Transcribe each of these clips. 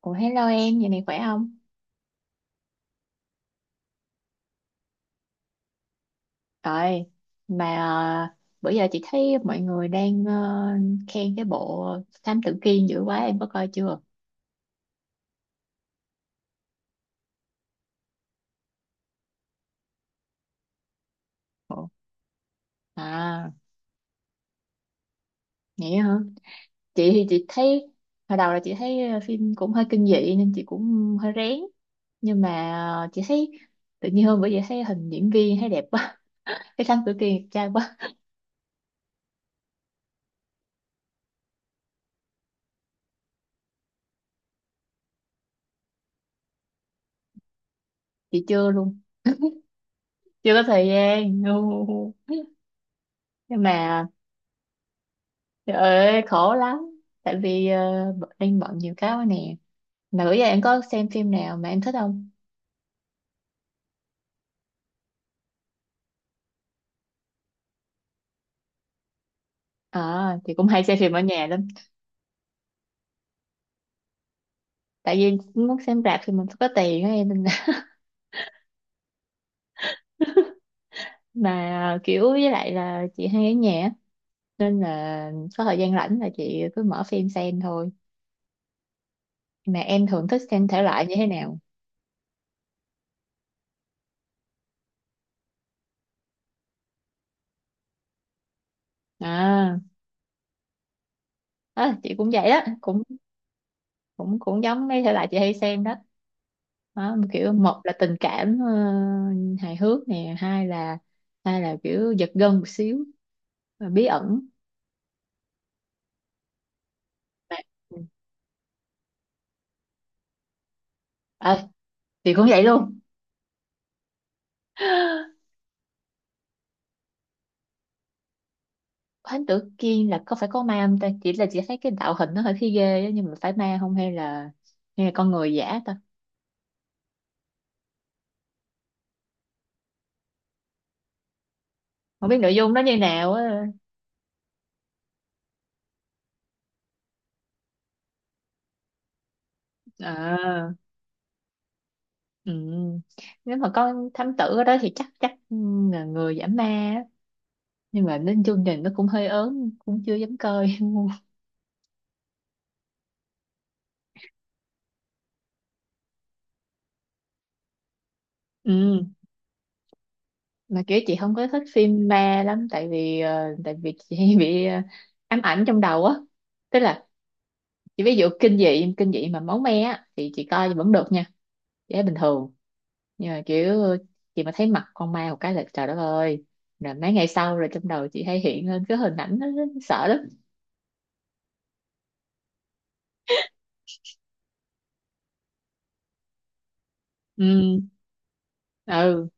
Ủa, hello em, giờ này khỏe không? Rồi, mà bữa giờ chị thấy mọi người đang khen cái bộ Thám Tử Kiên dữ quá, em có coi chưa? Ủa? À, vậy hả? Chị thì chị thấy, hồi đầu là chị thấy phim cũng hơi kinh dị nên chị cũng hơi rén. Nhưng mà chị thấy, tự nhiên hôm bữa giờ thấy hình diễn viên thấy đẹp quá. Cái Thám Tử Kiên đẹp trai quá. Chị chưa luôn, chưa có thời gian. Nhưng mà, trời ơi, khổ lắm. Tại vì đang bận nhiều cái quá nè. Mà bữa giờ em có xem phim nào mà em thích không? À, thì cũng hay xem phim ở nhà lắm. Tại vì muốn xem rạp thì mình phải có tiền á em, nên là mà kiểu với lại là chị hay ở nhà á, nên là có thời gian rảnh là chị cứ mở phim xem thôi. Mà em thường thích xem thể loại như thế nào? À, á, chị cũng vậy đó, cũng cũng cũng giống mấy thể loại chị hay xem đó. Đó, kiểu một là tình cảm, hài hước nè, hai là kiểu giật gân một xíu, bí ẩn. Chị cũng vậy luôn. Thánh Tử Kiên là có phải có ma không ta? Chỉ là chị thấy cái tạo hình nó hơi thấy ghê á, nhưng mà phải ma không, hay là hay là con người giả ta? Không biết nội dung nó như nào á. À, ừ. Nếu mà có thám tử ở đó thì chắc chắc, ừ, là người giả ma á. Nhưng mà đến chương trình nó cũng hơi ớn, cũng chưa dám coi. Ừ. Mà kiểu chị không có thích phim ma lắm, tại vì chị hay bị, ám ảnh trong đầu á. Tức là chị ví dụ kinh dị mà máu me á thì chị coi vẫn được nha, chị thấy bình thường. Nhưng mà kiểu chị mà thấy mặt con ma một cái là trời đất ơi, rồi mấy ngày sau rồi trong đầu chị hay hiện lên cái hình ảnh đó, sợ lắm. Ừ, ừ.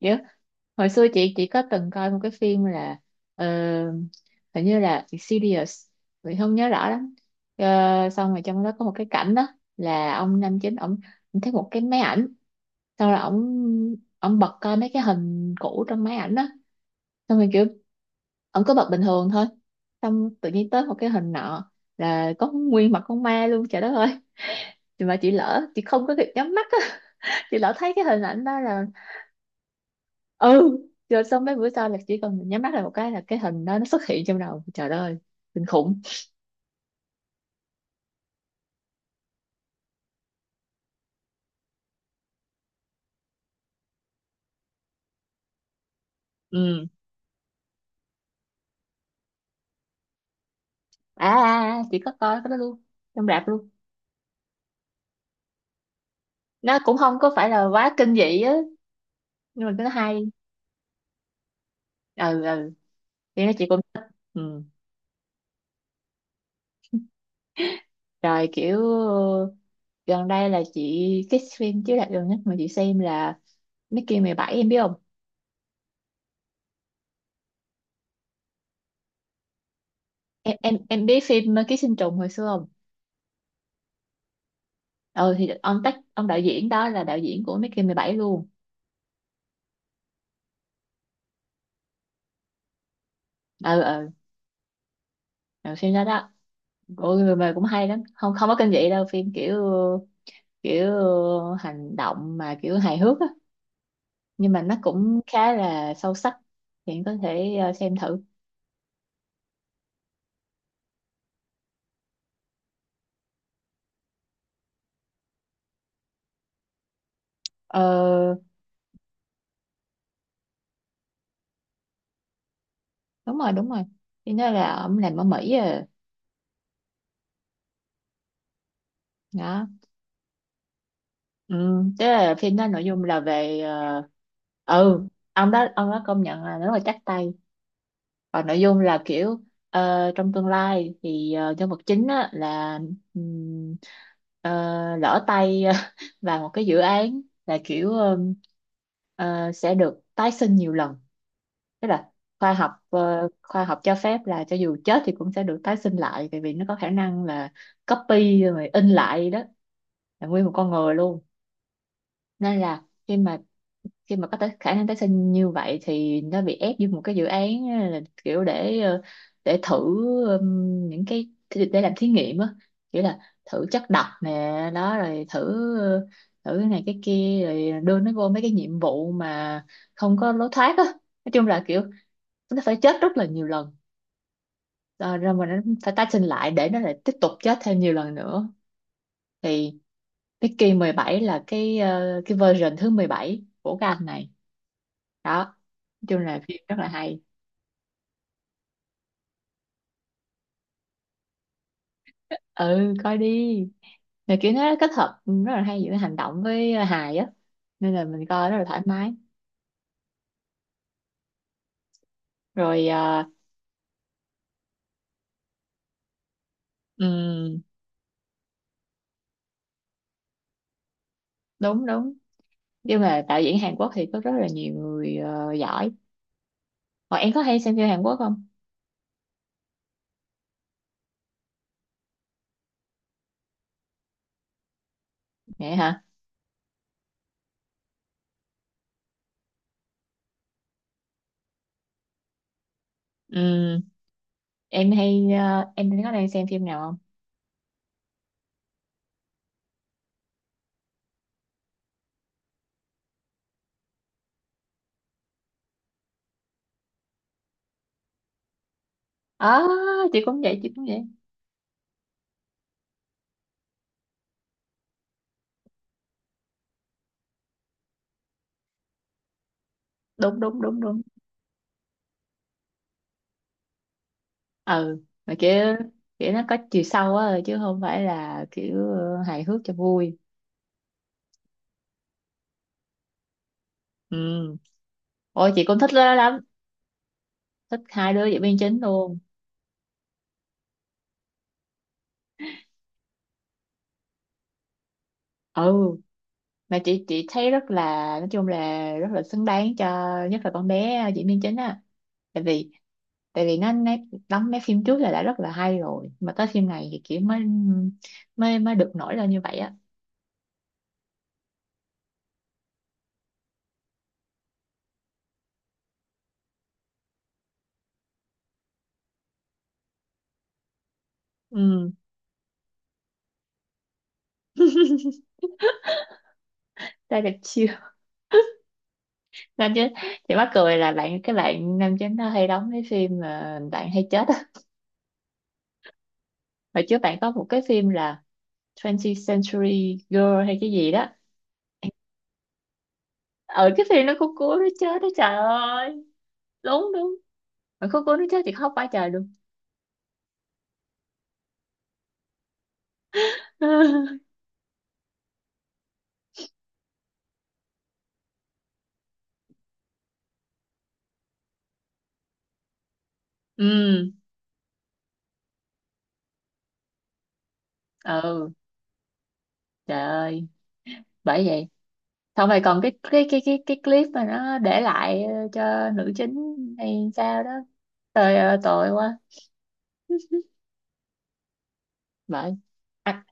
Kiểu hồi xưa chị có từng coi một cái phim là, ờ, hình như là Insidious, mình không nhớ rõ lắm. Ờ, xong rồi trong đó có một cái cảnh đó, là ông nam chính ổng ổng thấy một cái máy ảnh. Xong rồi ổng ổng bật coi mấy cái hình cũ trong máy ảnh đó. Xong rồi kiểu ổng cứ bật bình thường thôi. Xong tự nhiên tới một cái hình nọ là có nguyên mặt con ma luôn, trời đất ơi. Thì mà chị lỡ, chị không có kịp nhắm mắt á. Chị lỡ thấy cái hình ảnh đó là, ừ, rồi xong mấy bữa sau là chỉ cần nhắm mắt là một cái là cái hình đó nó xuất hiện trong đầu, trời đất ơi, kinh khủng. Ừ. À, à, à, chị có coi cái đó luôn, trong rạp luôn. Nó cũng không có phải là quá kinh dị á, nhưng mà nó hay. Ừ, ừ, thì nó chị cũng thích. Ừ. Rồi kiểu, gần đây là chị, cái phim chiếu rạp gần nhất mà chị xem là Mickey 17, em biết không? Em biết phim Ký Sinh Trùng hồi xưa không? Ừ thì ông đạo diễn đó là đạo diễn của Mickey 17 luôn. Ừ, ừ, ừ, phim đó đó. Ôi người mà cũng hay lắm. Không, không có kinh dị đâu, phim kiểu kiểu ờ, hành động mà kiểu hài hước á, nhưng mà nó cũng khá là sâu sắc. Thì em có thể, xem thử. Ờ, đúng rồi, đúng rồi. Thì nó là ông làm ở Mỹ à. Đó. Ừ, tức là phim đó nội dung là về, ừ, ông đó công nhận là rất là chắc tay. Còn nội dung là kiểu, trong tương lai thì, nhân vật chính á, là, ừm, ờ, lỡ tay vào một cái dự án, là kiểu, sẽ được tái sinh nhiều lần. Tức là khoa học, khoa học cho phép là cho dù chết thì cũng sẽ được tái sinh lại, tại vì nó có khả năng là copy rồi in lại đó, là nguyên một con người luôn. Nên là khi mà có tới khả năng tái sinh như vậy, thì nó bị ép vô một cái dự án á, là kiểu để, để thử, những cái để làm thí nghiệm á, kiểu là thử chất độc nè, đó rồi thử, ờ, thử cái này cái kia, rồi đưa nó vô mấy cái nhiệm vụ mà không có lối thoát á. Nói chung là kiểu nó phải chết rất là nhiều lần, rồi mình nó phải tái sinh lại để nó lại tiếp tục chết thêm nhiều lần nữa, thì Mickey 17 là cái, cái version thứ 17 của cái anh này đó. Nói chung là phim rất là hay. Ừ, coi đi, là kiểu nó kết hợp rất là hay giữa hành động với hài á, nên là mình coi rất là thoải mái. Rồi, à, ừm, đúng, đúng, nhưng mà đạo diễn Hàn Quốc thì có rất là nhiều người, giỏi. Còn em có hay xem phim Hàn Quốc không? Vậy hả? Ừm, em hay, em có đang xem phim nào không? À, chị cũng vậy, chị cũng vậy. Đúng, đúng, đúng, đúng. Ừ, mà kiểu kiểu nó có chiều sâu á, chứ không phải là kiểu, hài hước cho vui. Ừ. Ôi, chị cũng thích nó lắm, thích hai đứa diễn viên chính luôn. Ừ, mà chị thấy rất là, nói chung là rất là xứng đáng cho, nhất là con bé, diễn viên chính á. Tại vì tại vì nó đóng mấy phim trước là đã rất là hay rồi, mà tới phim này thì kiểu mới mới mới được nổi lên như vậy á. Ừ, ra đẹp chiêu. Nam chính, chị mắc cười là cái bạn nam chính nó hay đóng cái phim mà bạn hay chết á. Hồi trước bạn có một cái phim là 20 Century Girl hay cái gì đó, ở cái phim nó cũng cuốn, nó chết đó, trời ơi. Đúng, đúng. Mà cuối, cuối nó chết thì khóc quá trời luôn. Ừ, ừ. Trời ơi, bởi vậy, xong rồi còn cái clip mà nó để lại, cho nữ chính hay sao đó. Trời ơi, tội quá. Bởi. À,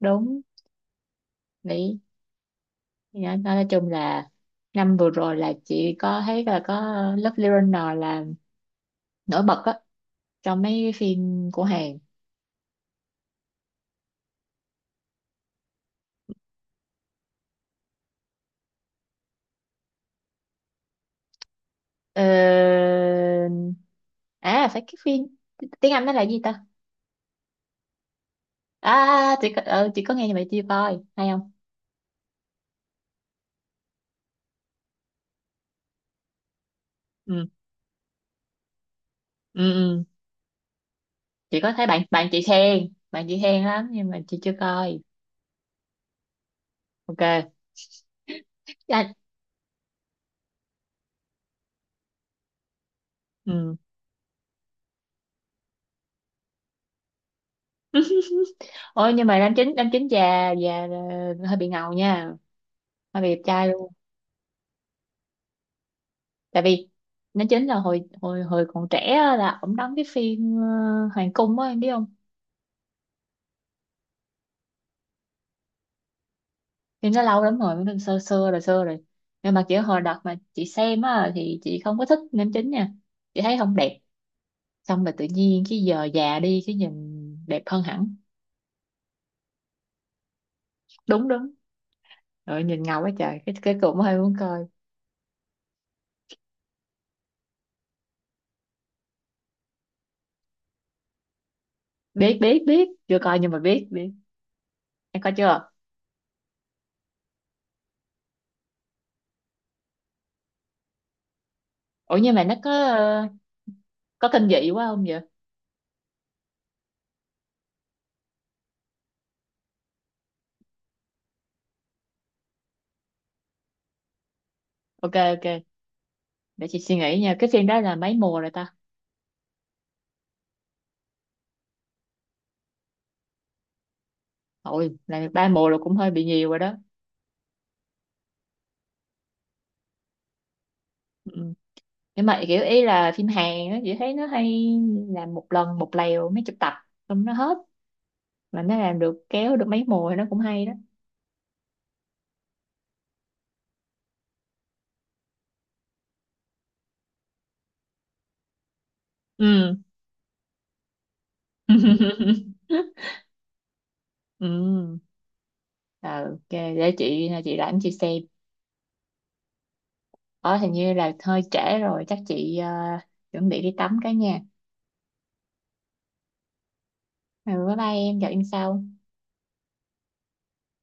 đúng. Nghĩ, nói chung là năm vừa rồi là chị có thấy là có Lovely Runner là nổi bật á trong mấy cái phim của Hàn. ờ... À, phải cái phim tiếng Anh nó là gì ta? À, chị có, ừ, chị có nghe như vậy, chưa coi hay không. Ừ, ừ, ừ. Chị có thấy bạn bạn chị khen, bạn chị khen lắm, nhưng mà chị chưa coi. Ok. À, ừ. Ôi, nhưng mà nam chính già già, hơi bị ngầu nha, hơi bị đẹp trai luôn. Tại vì nam chính là hồi hồi hồi còn trẻ á, là ổng đóng cái phim, hoàng cung á, em biết không? Phim nó lâu lắm rồi, nó xưa xưa rồi, xưa rồi. Nhưng mà kiểu hồi đợt mà chị xem á thì chị không có thích nam chính nha, chị thấy không đẹp. Xong rồi tự nhiên cái giờ già đi cái nhìn đẹp hơn hẳn. Đúng, đúng. Rồi nhìn ngầu quá trời, cái cũng hơi muốn coi. Biết, biết, biết, chưa coi nhưng mà biết, biết. Em coi chưa? Ủa, nhưng mà nó có, có kinh dị quá không vậy? Ok, ok, để chị suy nghĩ nha. Cái phim đó là mấy mùa rồi ta? Ôi, là ba mùa rồi, cũng hơi bị nhiều rồi đó. Ừ. Nhưng mà kiểu ý là phim Hàn á, chị thấy nó hay, làm một lần một lèo mấy chục tập xong nó hết. Mà nó làm được, kéo được mấy mùa thì nó cũng hay đó. Ừ. Ừ. Ờ, ok, để chị, chị rảnh chị xem. Ở hình như là hơi trễ rồi, chắc chị, chuẩn bị đi tắm cái nha. Ừ, bye bye em, gặp em sau.